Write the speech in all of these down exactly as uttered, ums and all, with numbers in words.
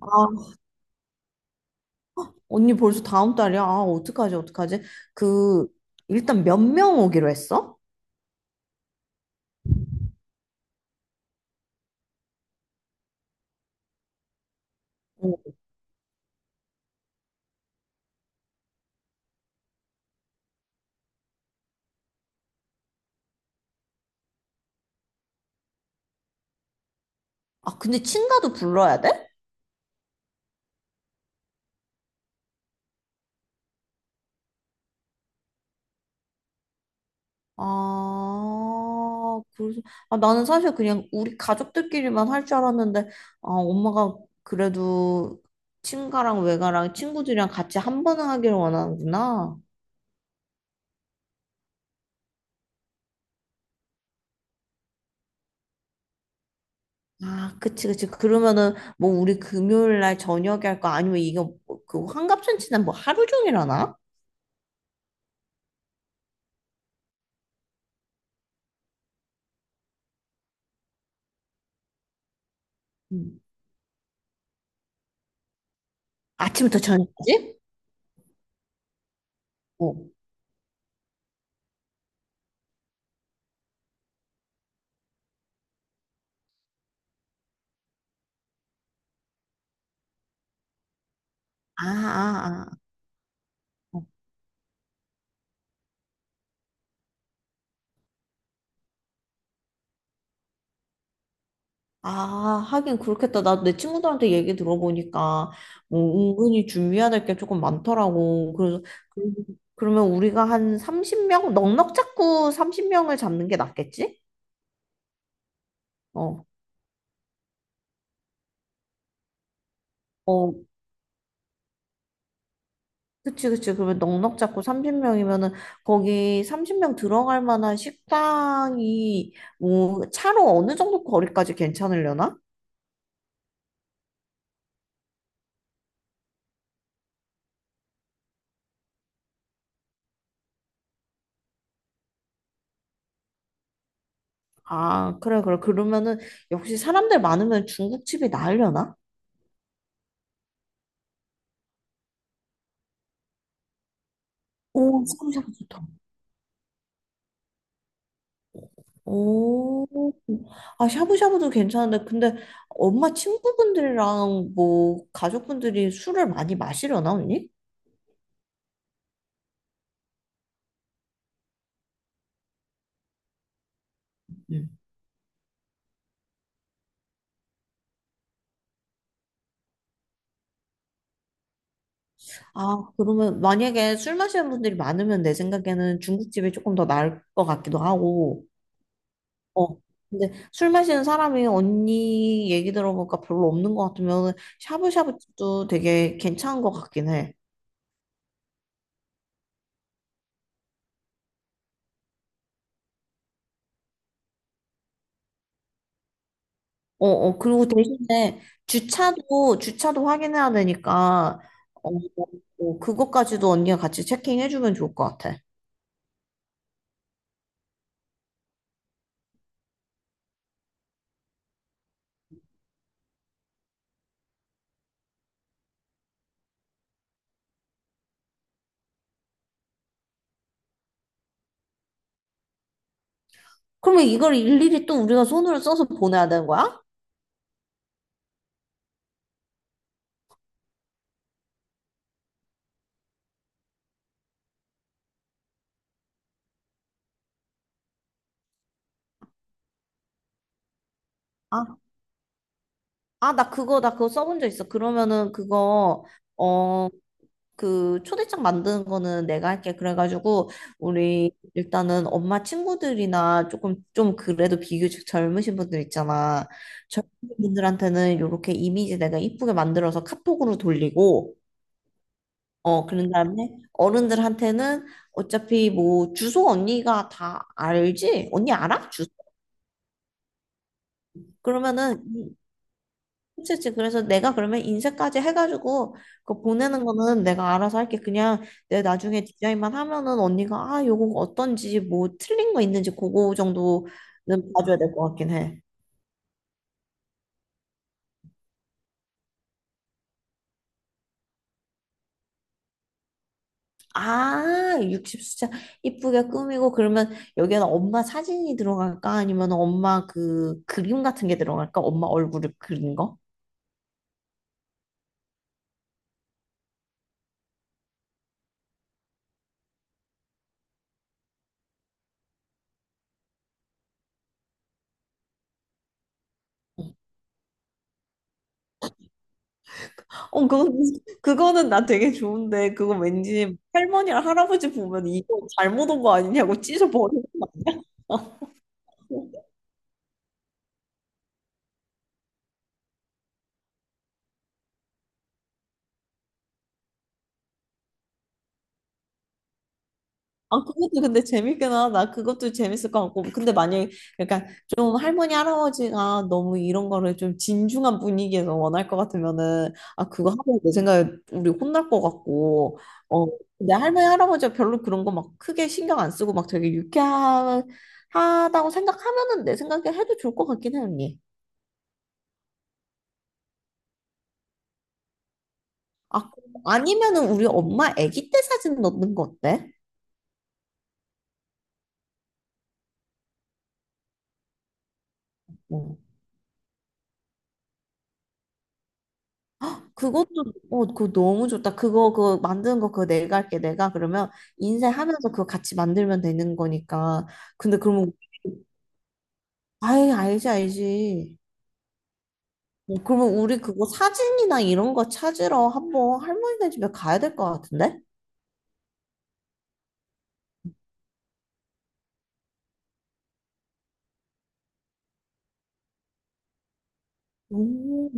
아, 언니 벌써 다음 달이야? 아, 어떡하지, 어떡하지? 그, 일단 몇 명 오기로 했어? 어. 아, 근데 친가도 불러야 돼? 아, 그래서, 아, 나는 사실 그냥 우리 가족들끼리만 할 줄 알았는데, 아, 엄마가 그래도 친가랑 외가랑 친구들이랑 같이 한 번은 하기를 원하는구나. 아, 그치, 그치. 그러면은, 뭐, 우리 금요일 날 저녁에 할까? 아니면 이거, 뭐, 그, 환갑잔치는 뭐 하루 종일 하나? 음. 아침부터 저녁까지? 어. 아, 아, 아. 어. 아, 하긴 그렇겠다. 나도 내 친구들한테 얘기 들어보니까 뭐 은근히 준비해야 될 게 조금 많더라고. 그래서 그- 그러면 우리가 한 삼십 명 넉넉 잡고 삼십 명을 잡는 게 낫겠지? 어. 어. 그치, 그치. 그러면 넉넉 잡고 삼십 명이면은 거기 삼십 명 들어갈 만한 식당이 뭐 차로 어느 정도 거리까지 괜찮으려나? 아, 그래, 그래. 그러면은 역시 사람들 많으면 중국집이 나으려나? 오, 샤브샤브 좋다. 오, 아, 샤브샤브도 괜찮은데, 근데 엄마 친구분들이랑 뭐, 가족분들이 술을 많이 마시려나, 언니? 음. 아, 그러면 만약에 술 마시는 분들이 많으면 내 생각에는 중국집이 조금 더 나을 것 같기도 하고, 어. 근데 술 마시는 사람이 언니 얘기 들어보니까 별로 없는 것 같으면 샤브샤브집도 되게 괜찮은 것 같긴 해. 어, 어, 그리고 대신에 주차도, 주차도 확인해야 되니까, 어, 어, 그것까지도 언니가 같이 체킹해주면 좋을 것 같아. 그러면 이걸 일일이 또 우리가 손으로 써서 보내야 되는 거야? 아, 아, 나 그거, 나 그거 써본 적 있어. 그러면은 그거, 어, 그 초대장 만드는 거는 내가 할게. 그래가지고 우리 일단은 엄마 친구들이나 조금 좀 그래도 비교적 젊으신 분들 있잖아. 젊은 분들한테는 이렇게 이미지 내가 이쁘게 만들어서 카톡으로 돌리고 어 그런 다음에 어른들한테는 어차피 뭐 주소 언니가 다 알지? 언니 알아? 주소. 그러면은 그치, 그치. 그래서 내가 그러면 인쇄까지 해가지고 그 보내는 거는 내가 알아서 할게. 그냥 내 나중에 디자인만 하면은 언니가 아, 요거 어떤지 뭐 틀린 거 있는지 그거 정도는 봐줘야 될 것 같긴 해. 아, 육십 수자 이쁘게 꾸미고 그러면 여기에는 엄마 사진이 들어갈까? 아니면 엄마 그 그림 같은 게 들어갈까? 엄마 얼굴을 그린 거? 어, 그거, 그거는 나 되게 좋은데 그거 왠지 할머니랑 할아버지 보면 이거 잘못 온 거 아니냐고 찢어버리는 거 아니야? 아, 그것도 근데 재밌긴 하다. 그것도 재밌을 것 같고. 근데 만약에, 그러니까 좀 할머니, 할아버지가 너무 이런 거를 좀 진중한 분위기에서 원할 것 같으면은, 아, 그거 하면 내 생각에 우리 혼날 것 같고, 어, 근데 할머니, 할아버지가 별로 그런 거 막 크게 신경 안 쓰고 막 되게 유쾌하다고 생각하면은 내 생각에 해도 좋을 것 같긴 해, 언니. 아, 아니면은 우리 엄마 아기 때 사진 넣는 거 어때? 응. 그것도 어 그거 너무 좋다. 그거 그 만드는 거 그거 내가 할게. 내가 그러면 인쇄하면서 그거 같이 만들면 되는 거니까. 근데 그러면 아이 알지 알지. 어, 그러면 우리 그거 사진이나 이런 거 찾으러 한번 할머니네 집에 가야 될 것 같은데? 오.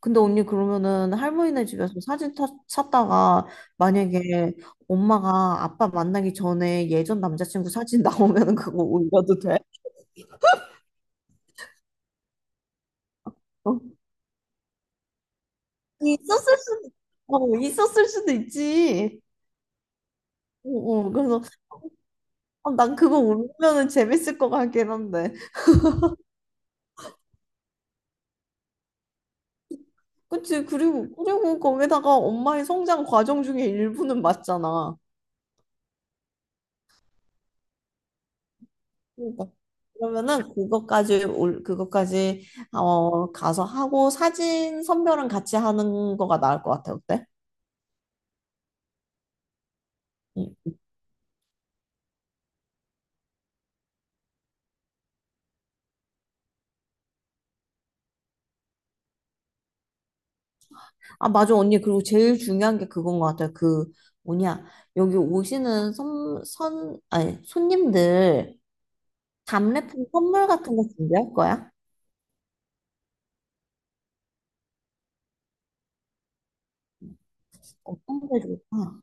근데 언니 그러면은 할머니네 집에서 사진 타, 찾다가 만약에 엄마가 아빠 만나기 전에 예전 남자친구 사진 나오면은 그거 올려도 돼? 어. 있었을 수도, 어, 있었을 수도 있지. 어, 어, 그래서 아, 난 그거 울면은 재밌을 것 같긴 한데. 그치, 그리고, 그리고 거기다가 엄마의 성장 과정 중에 일부는 맞잖아. 그러니까. 그러면은 그것까지 올 그것까지 어 가서 하고 사진 선별은 같이 하는 거가 나을 것 같아 어때? 응. 아 맞아 언니 그리고 제일 중요한 게 그건 것 같아 그 뭐냐 여기 오시는 선, 선 아니 손님들 답례품 선물 같은 거 준비할 거야? 어떤 좋을까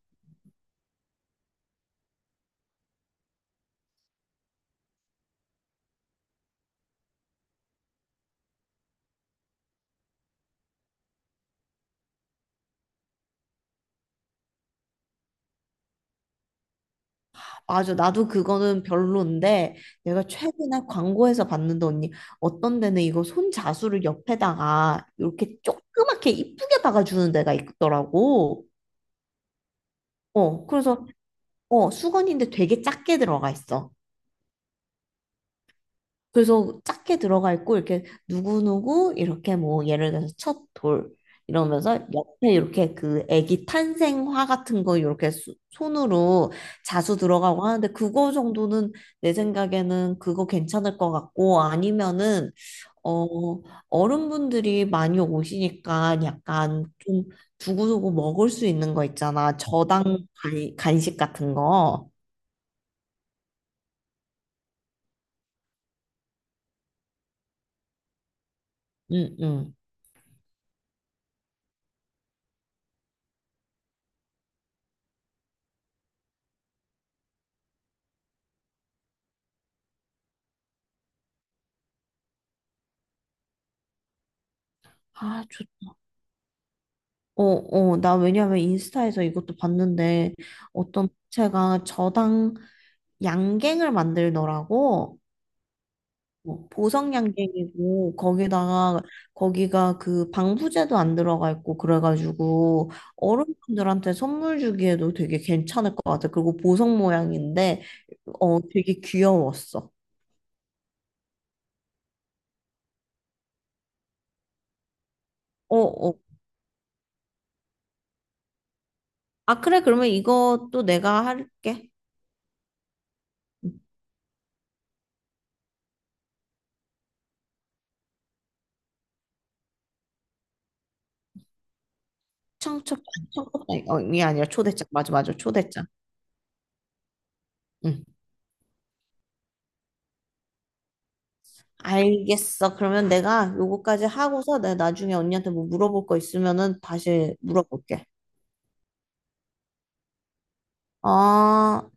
맞아, 나도 그거는 별론데 내가 최근에 광고에서 봤는데 언니 어떤 데는 이거 손자수를 옆에다가 이렇게 조그맣게 이쁘게 박아주는 데가 있더라고. 어, 그래서 어 수건인데 되게 작게 들어가 있어. 그래서 작게 들어가 있고 이렇게 누구누구 이렇게 뭐 예를 들어서 첫 돌 이러면서 옆에 이렇게 그 아기 탄생화 같은 거 이렇게 수- 손으로 자수 들어가고 하는데 그거 정도는 내 생각에는 그거 괜찮을 것 같고 아니면은 어 어른분들이 많이 오시니까 약간 좀 두고두고 먹을 수 있는 거 있잖아 저당 간- 간식 같은 거. 응, 응. 아, 어, 어, 나 왜냐면 인스타에서 이것도 봤는데 어떤 업체가 저당 양갱을 만들더라고. 어, 보석 양갱이고 거기다가 거기가 그 방부제도 안 들어가 있고 그래가지고 어른분들한테 선물 주기에도 되게 괜찮을 것 같아. 그리고 보석 모양인데 어 되게 귀여웠어. 어, 어. 아 그래 그러면 이것도 내가 할게. 청첩장 청첩장이 아니라 초대장 맞아 맞아 초대장. 응. 알겠어. 그러면 내가 요거까지 하고서 내가 나중에 언니한테 뭐 물어볼 거 있으면은 다시 물어볼게. 어.